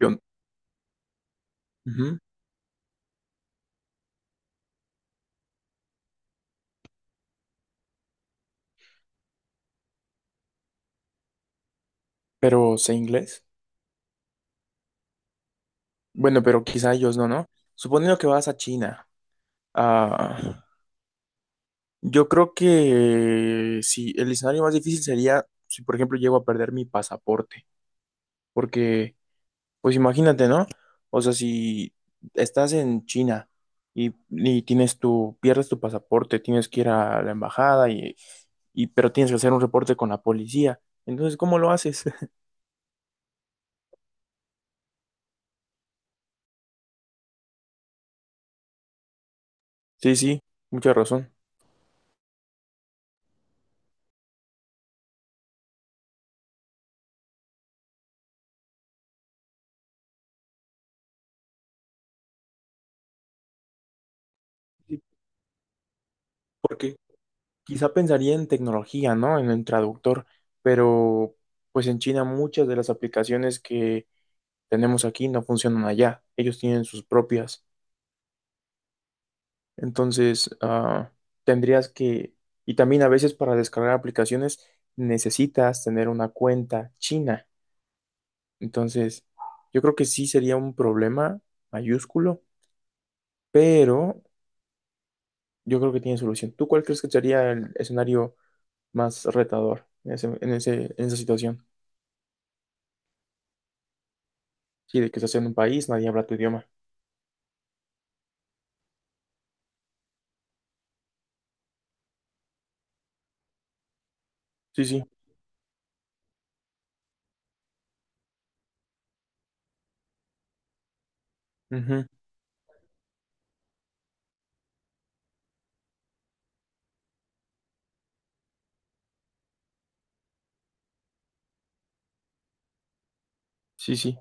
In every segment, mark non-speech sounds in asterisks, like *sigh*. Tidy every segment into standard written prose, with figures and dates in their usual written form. Yo- ujú, Pero sé inglés. Bueno, pero quizá ellos no, ¿no? Suponiendo que vas a China, ah, yo creo que si el escenario más difícil sería si, por ejemplo, llego a perder mi pasaporte. Porque, pues imagínate, ¿no? O sea, si estás en China y tienes pierdes tu pasaporte, tienes que ir a la embajada y, pero tienes que hacer un reporte con la policía. Entonces, ¿cómo lo haces? *laughs* Sí, sí, mucha razón. Sí. ¿Por qué? Quizá pensaría en tecnología, ¿no? En el traductor, pero pues en China muchas de las aplicaciones que tenemos aquí no funcionan allá. Ellos tienen sus propias. Entonces, tendrías que, y también a veces para descargar aplicaciones necesitas tener una cuenta china. Entonces, yo creo que sí sería un problema mayúsculo, pero yo creo que tiene solución. ¿Tú cuál crees que sería el escenario más retador en en esa situación? Sí, de que estás en un país, nadie habla tu idioma. Sí, sí. Ujú. Sí, sí.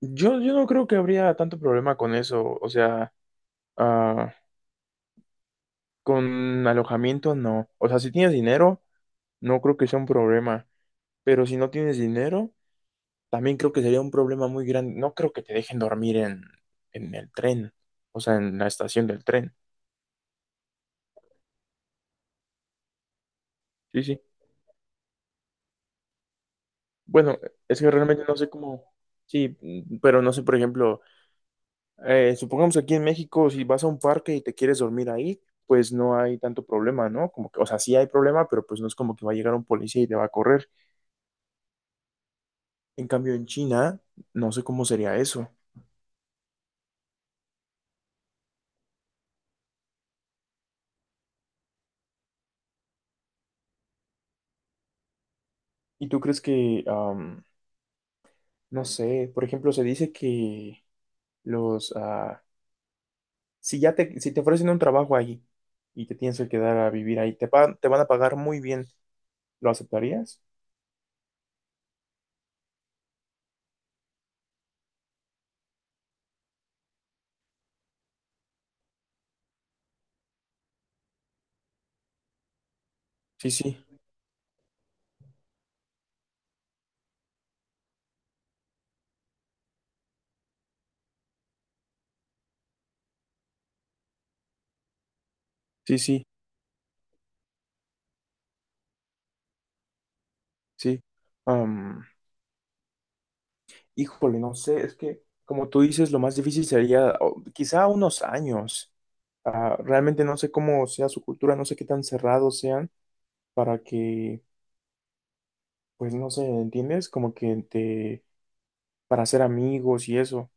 Yo no creo que habría tanto problema con eso. O sea, ah, con alojamiento no. O sea, si tienes dinero, no creo que sea un problema. Pero si no tienes dinero, también creo que sería un problema muy grande. No creo que te dejen dormir en el tren. O sea, en la estación del tren. Sí, sí. Bueno, es que realmente no sé cómo. Sí, mm, pero no sé, por ejemplo. Supongamos que aquí en México, si vas a un parque y te quieres dormir ahí, pues no hay tanto problema, ¿no? Como que, o sea, sí hay problema, pero pues no es como que va a llegar un policía y te va a correr. En cambio, en China, no sé cómo sería eso. ¿Y tú crees que, no sé, por ejemplo, se dice que los, si ya te, si te ofrecen un trabajo ahí y te tienes que quedar a vivir ahí, te, te van a pagar muy bien, ¿lo aceptarías? Sí, sí, sí, sí, sí. Híjole, no sé, es que como tú dices, lo más difícil sería o, quizá unos años. Ah, realmente no sé cómo sea su cultura, no sé qué tan cerrados sean para que, pues no sé, ¿entiendes? Como que te, para ser amigos y eso.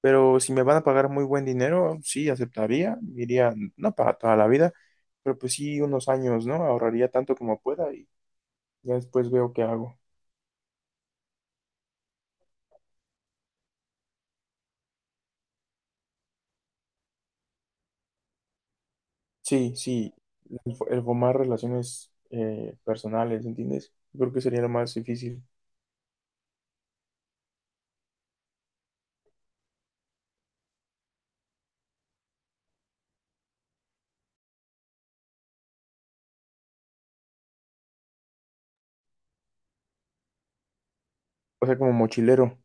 Pero si me van a pagar muy buen dinero, sí, aceptaría, diría, no para toda la vida, pero pues sí, unos años, ¿no? Ahorraría tanto como pueda y ya después veo qué hago. Sí, sí, el formar relaciones personales, ¿entiendes? Creo que sería lo más difícil. O sea, como mochilero.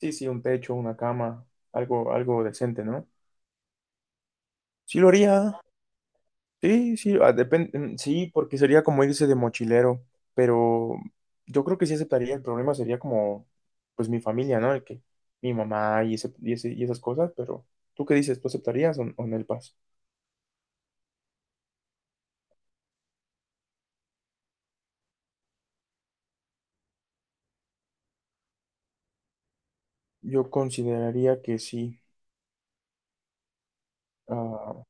Sí, sí, un techo, una cama, algo, algo decente, ¿no? Sí lo haría, sí, sí, sí, porque sería como irse de mochilero, pero yo creo que sí aceptaría, el problema sería como, pues mi familia, ¿no? El que mi mamá y, ese, y esas cosas, pero ¿tú qué dices? ¿Tú aceptarías o no el PAS? Yo consideraría que sí, ah,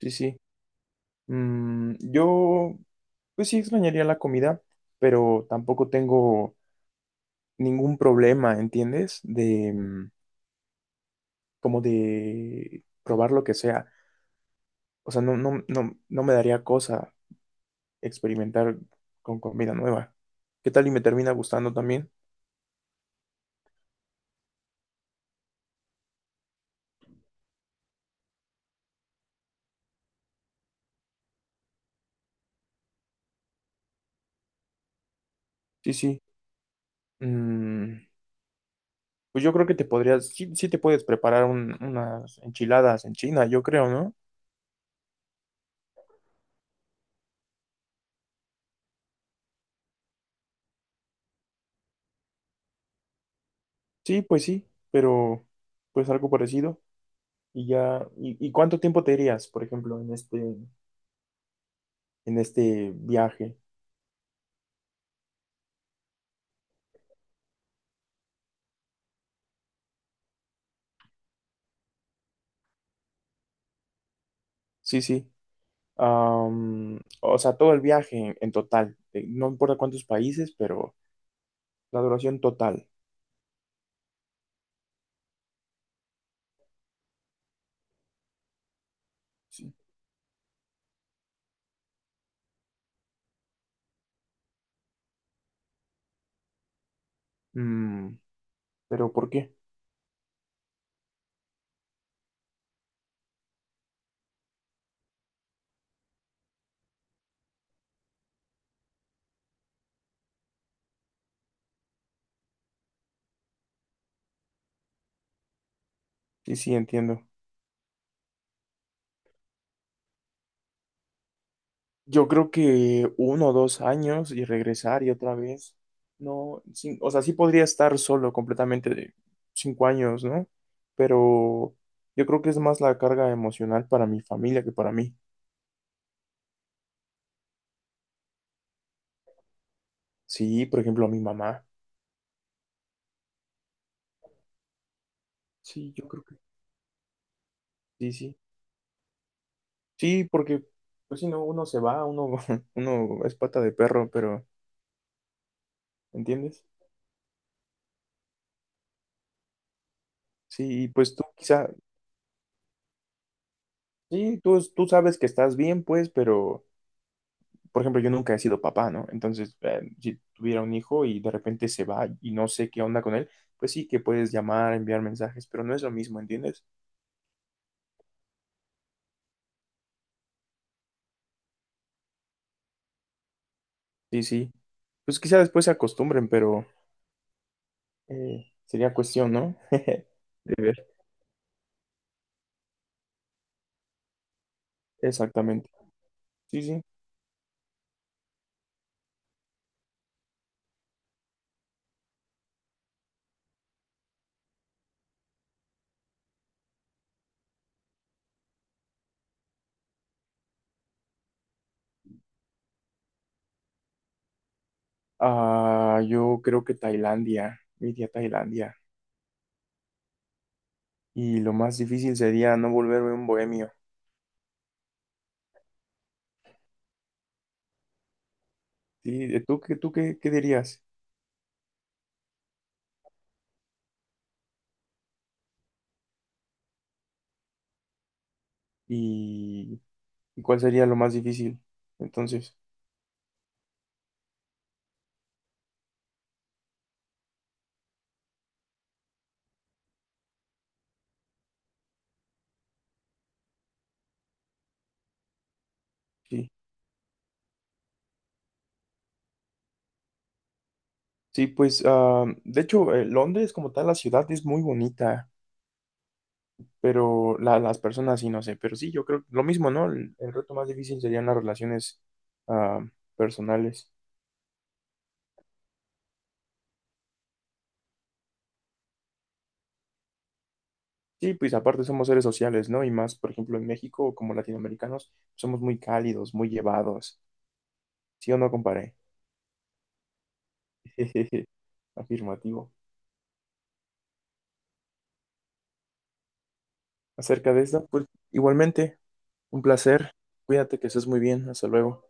sí, sí. Mm, yo, pues sí extrañaría la comida, pero tampoco tengo ningún problema, ¿entiendes? De mm, como de probar lo que sea. O sea, no me daría cosa experimentar con comida nueva. ¿Qué tal y me termina gustando también? Sí, sí. Mm, pues yo creo que te podrías, sí, sí te puedes preparar unas enchiladas en China, yo creo, ¿no? Sí, pues sí, pero pues algo parecido. Y ya, ¿y cuánto tiempo te irías, por ejemplo, en este viaje? Sí, sí. Am, o sea, todo el viaje en total. No importa cuántos países, pero la duración total. Sí. Mm, pero ¿por qué? Sí, sí, entiendo. Yo creo que uno o dos años y regresar y otra vez. No, sí, o sea, sí podría estar solo completamente de cinco años, ¿no? Pero yo creo que es más la carga emocional para mi familia que para mí. Sí, por ejemplo, a mi mamá. Sí, yo creo que sí, sí. Sí, porque, pues si no, uno se va, uno, *laughs* uno es pata de perro, pero, ¿entiendes? Sí, y pues tú quizá, sí, tú sabes que estás bien, pues, pero, por ejemplo, yo nunca he sido papá, ¿no? Entonces, si tuviera un hijo y de repente se va y no sé qué onda con él, pues sí que puedes llamar, enviar mensajes, pero no es lo mismo, ¿entiendes? Sí, sí. Pues quizá después se acostumbren, pero sería cuestión, ¿no? *laughs* De ver. Exactamente. Sí, sí. Ah, yo creo que Tailandia, iría a Tailandia. Y lo más difícil sería no volverme un bohemio. Sí, ¿y qué dirías? ¿Y, y cuál sería lo más difícil? Entonces, sí. Sí, pues, de hecho, Londres como tal, la ciudad es muy bonita, pero las personas sí, no sé. Pero sí, yo creo lo mismo, ¿no? El reto más difícil serían las relaciones ah, personales. Sí, pues aparte somos seres sociales, ¿no? Y más, por ejemplo, en México, como latinoamericanos, somos muy cálidos, muy llevados. ¿Sí o no, comparé? *laughs* Afirmativo. Acerca de esto, pues igualmente, un placer. Cuídate, que estés muy bien. Hasta luego.